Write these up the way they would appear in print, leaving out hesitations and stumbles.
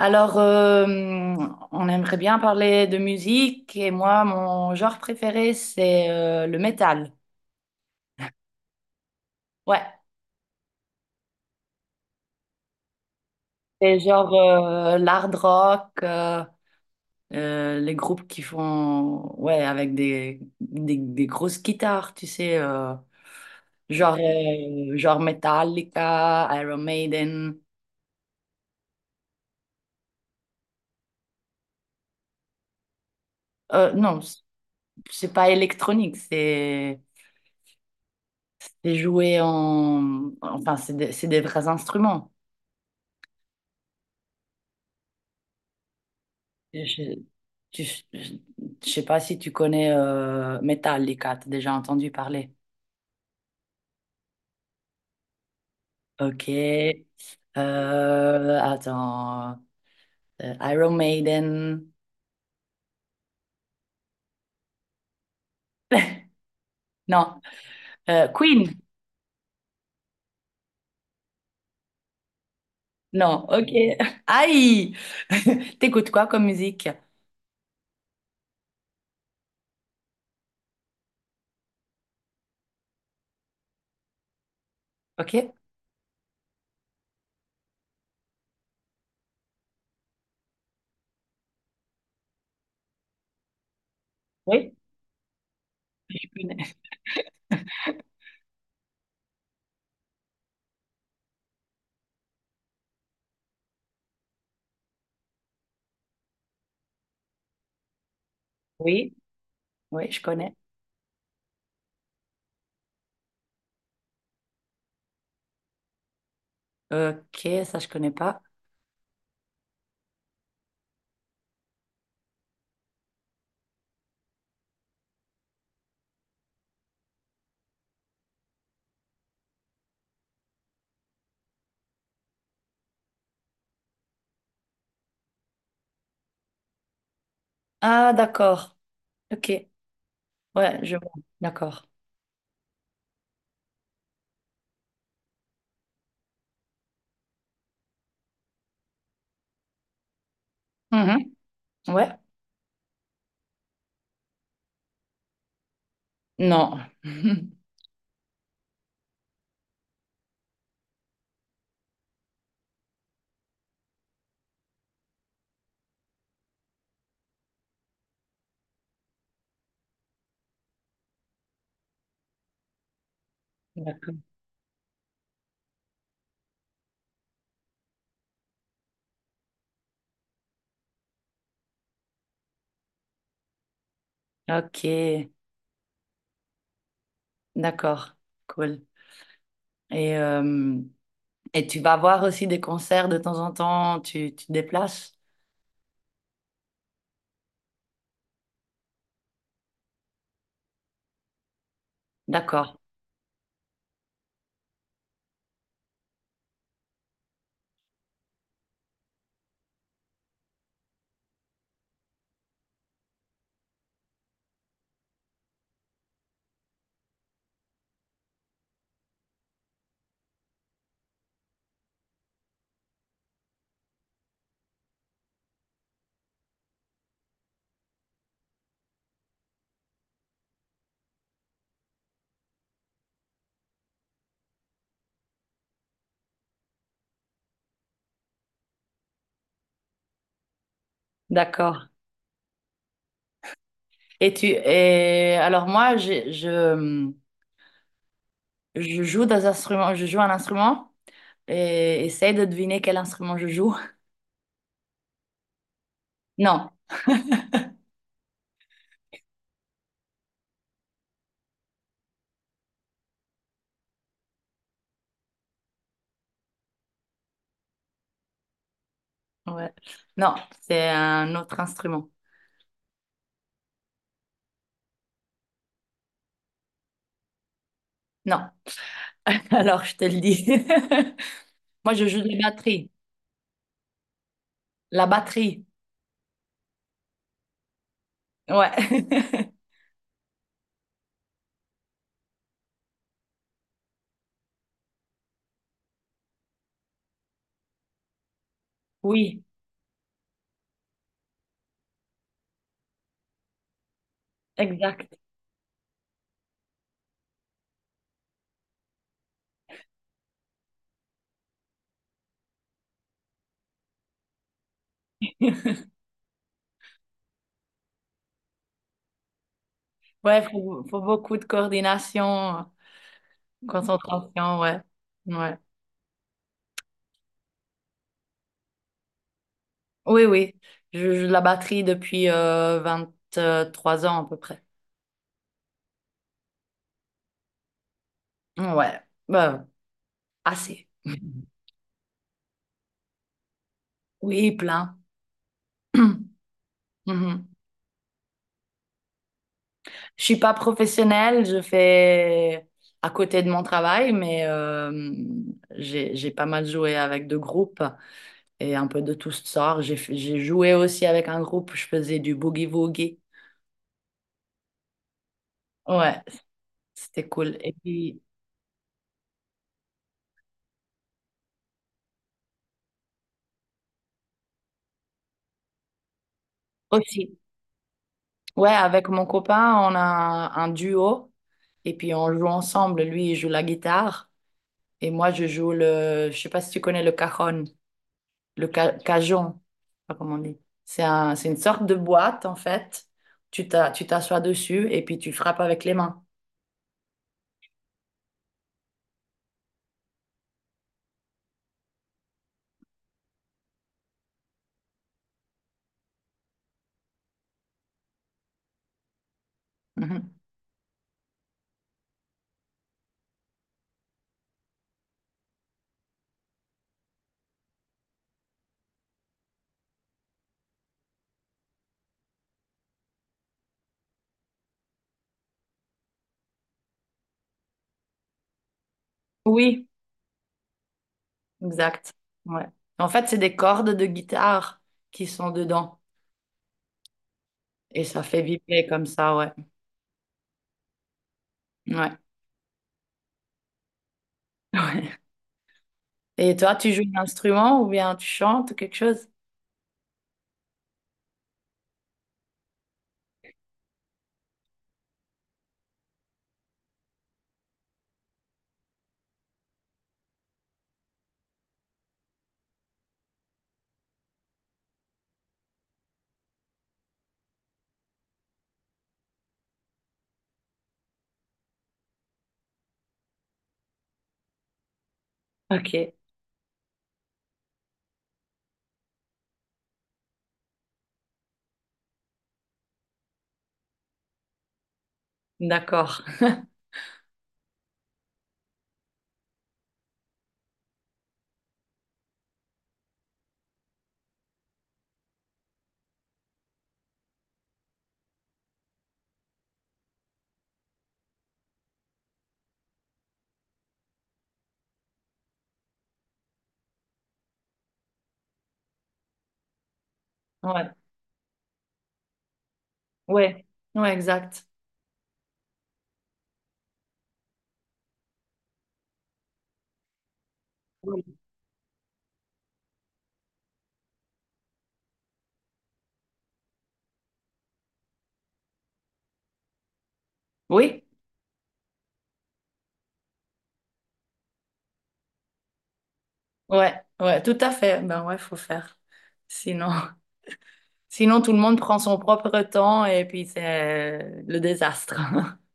Alors, on aimerait bien parler de musique et moi, mon genre préféré, c'est le métal. Ouais, c'est genre l'hard rock, les groupes qui font, ouais, avec des grosses guitares, tu sais, genre, genre Metallica, Iron Maiden. Non, c'est pas électronique, c'est joué en... Enfin, c'est des vrais instruments. Je, tu- je, je sais pas si tu connais Metallica, t'as déjà entendu parler. Ok. Attends. Iron Maiden. Non. Queen. Non. Ok. Aïe! T'écoutes quoi comme musique? Ok. Oui, je connais. Oui. Oui, je connais. Ok, ça je connais pas. Ah, d'accord. Ok. Ouais, je vois. D'accord. Mhm. Ouais. Non. D'accord. Ok. D'accord, cool. Et, euh, et tu vas voir aussi des concerts de temps en temps, tu te déplaces? D'accord, d'accord. Et tu et alors je joue des instruments, je joue un instrument et essaye de deviner quel instrument je joue. Non, ouais. Non, c'est un autre instrument. Non. Alors je te le dis. Moi je joue de la batterie. La batterie. Ouais. Oui, exact. Ouais, faut beaucoup de coordination, concentration, ouais. Ouais. Oui, oui. Je la batterie depuis 3 ans à peu près. Ouais, bah, assez. Oui, plein. Mhm. Je suis pas professionnelle, je fais à côté de mon travail, mais j'ai pas mal joué avec 2 groupes et un peu de tout sort. J'ai joué aussi avec un groupe, je faisais du boogie-woogie. Ouais, c'était cool. Et puis aussi, ouais, avec mon copain, on a un duo et puis on joue ensemble. Lui, il joue la guitare et moi, je joue le, je sais pas si tu connais le cajon, cajon, je sais pas comment on dit. C'est un, c'est une sorte de boîte en fait. Tu t'assois dessus et puis tu frappes avec les mains. Mhm. Oui, exact. Ouais. En fait, c'est des cordes de guitare qui sont dedans et ça fait vibrer comme ça, ouais. Ouais. Ouais. Et toi, tu joues un instrument ou bien tu chantes ou quelque chose? Ok. D'accord. Ouais. Ouais. Ouais, exact. Oui. Oui. Ouais. Ouais, tout à fait. Ben ouais, faut faire. Sinon, sinon tout le monde prend son propre temps et puis c'est le désastre.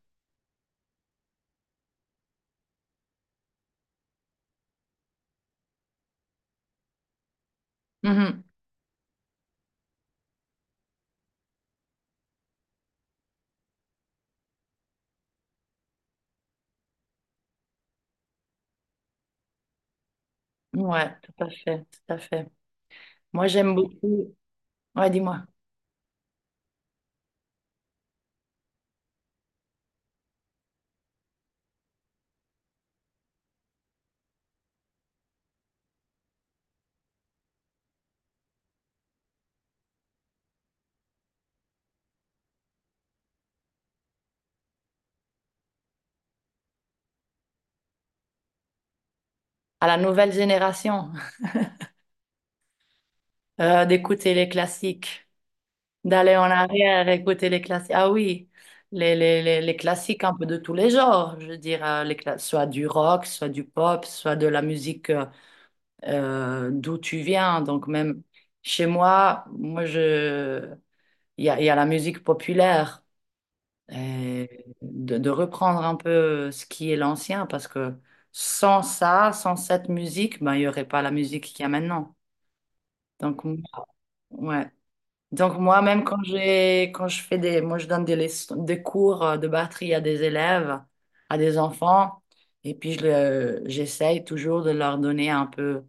Mhm. Ouais, tout à fait, tout à fait. Moi, j'aime beaucoup, ouais, dis-moi, à la nouvelle génération, d'écouter les classiques, d'aller en arrière, écouter les classiques. Ah oui, les classiques un peu de tous les genres, je veux dire, soit du rock, soit du pop, soit de la musique d'où tu viens. Donc même chez moi, il y a la musique populaire et de reprendre un peu ce qui est l'ancien parce que sans ça, sans cette musique, ben il y aurait pas la musique qu'il y a maintenant. Donc moi- ouais. Donc moi même quand je fais des moi je donne des cours de batterie à des élèves, à des enfants et puis j'essaye toujours de leur donner un peu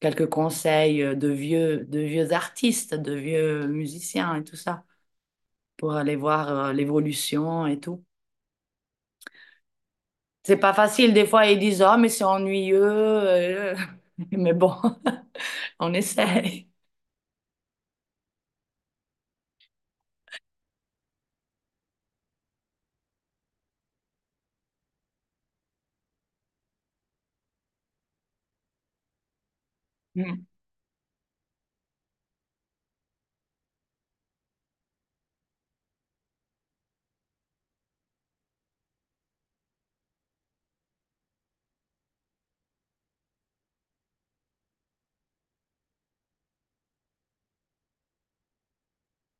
quelques conseils de vieux artistes, de vieux musiciens et tout ça, pour aller voir l'évolution et tout. C'est pas facile, des fois ils disent, ah, mais c'est ennuyeux, mais bon, on essaye. Mhm.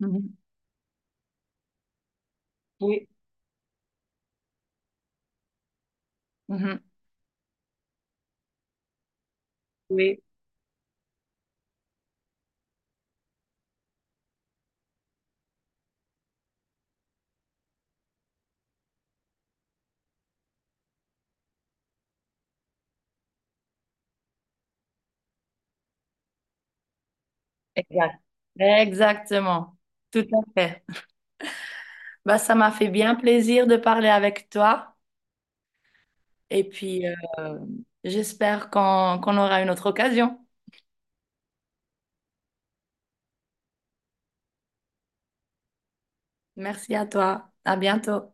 Mhm. Oui, mhm, oui, exact. Exactement, tout à fait. Bah, ça m'a fait bien plaisir de parler avec toi et puis euh, j'espère qu'on aura une autre occasion. Merci à toi, à bientôt.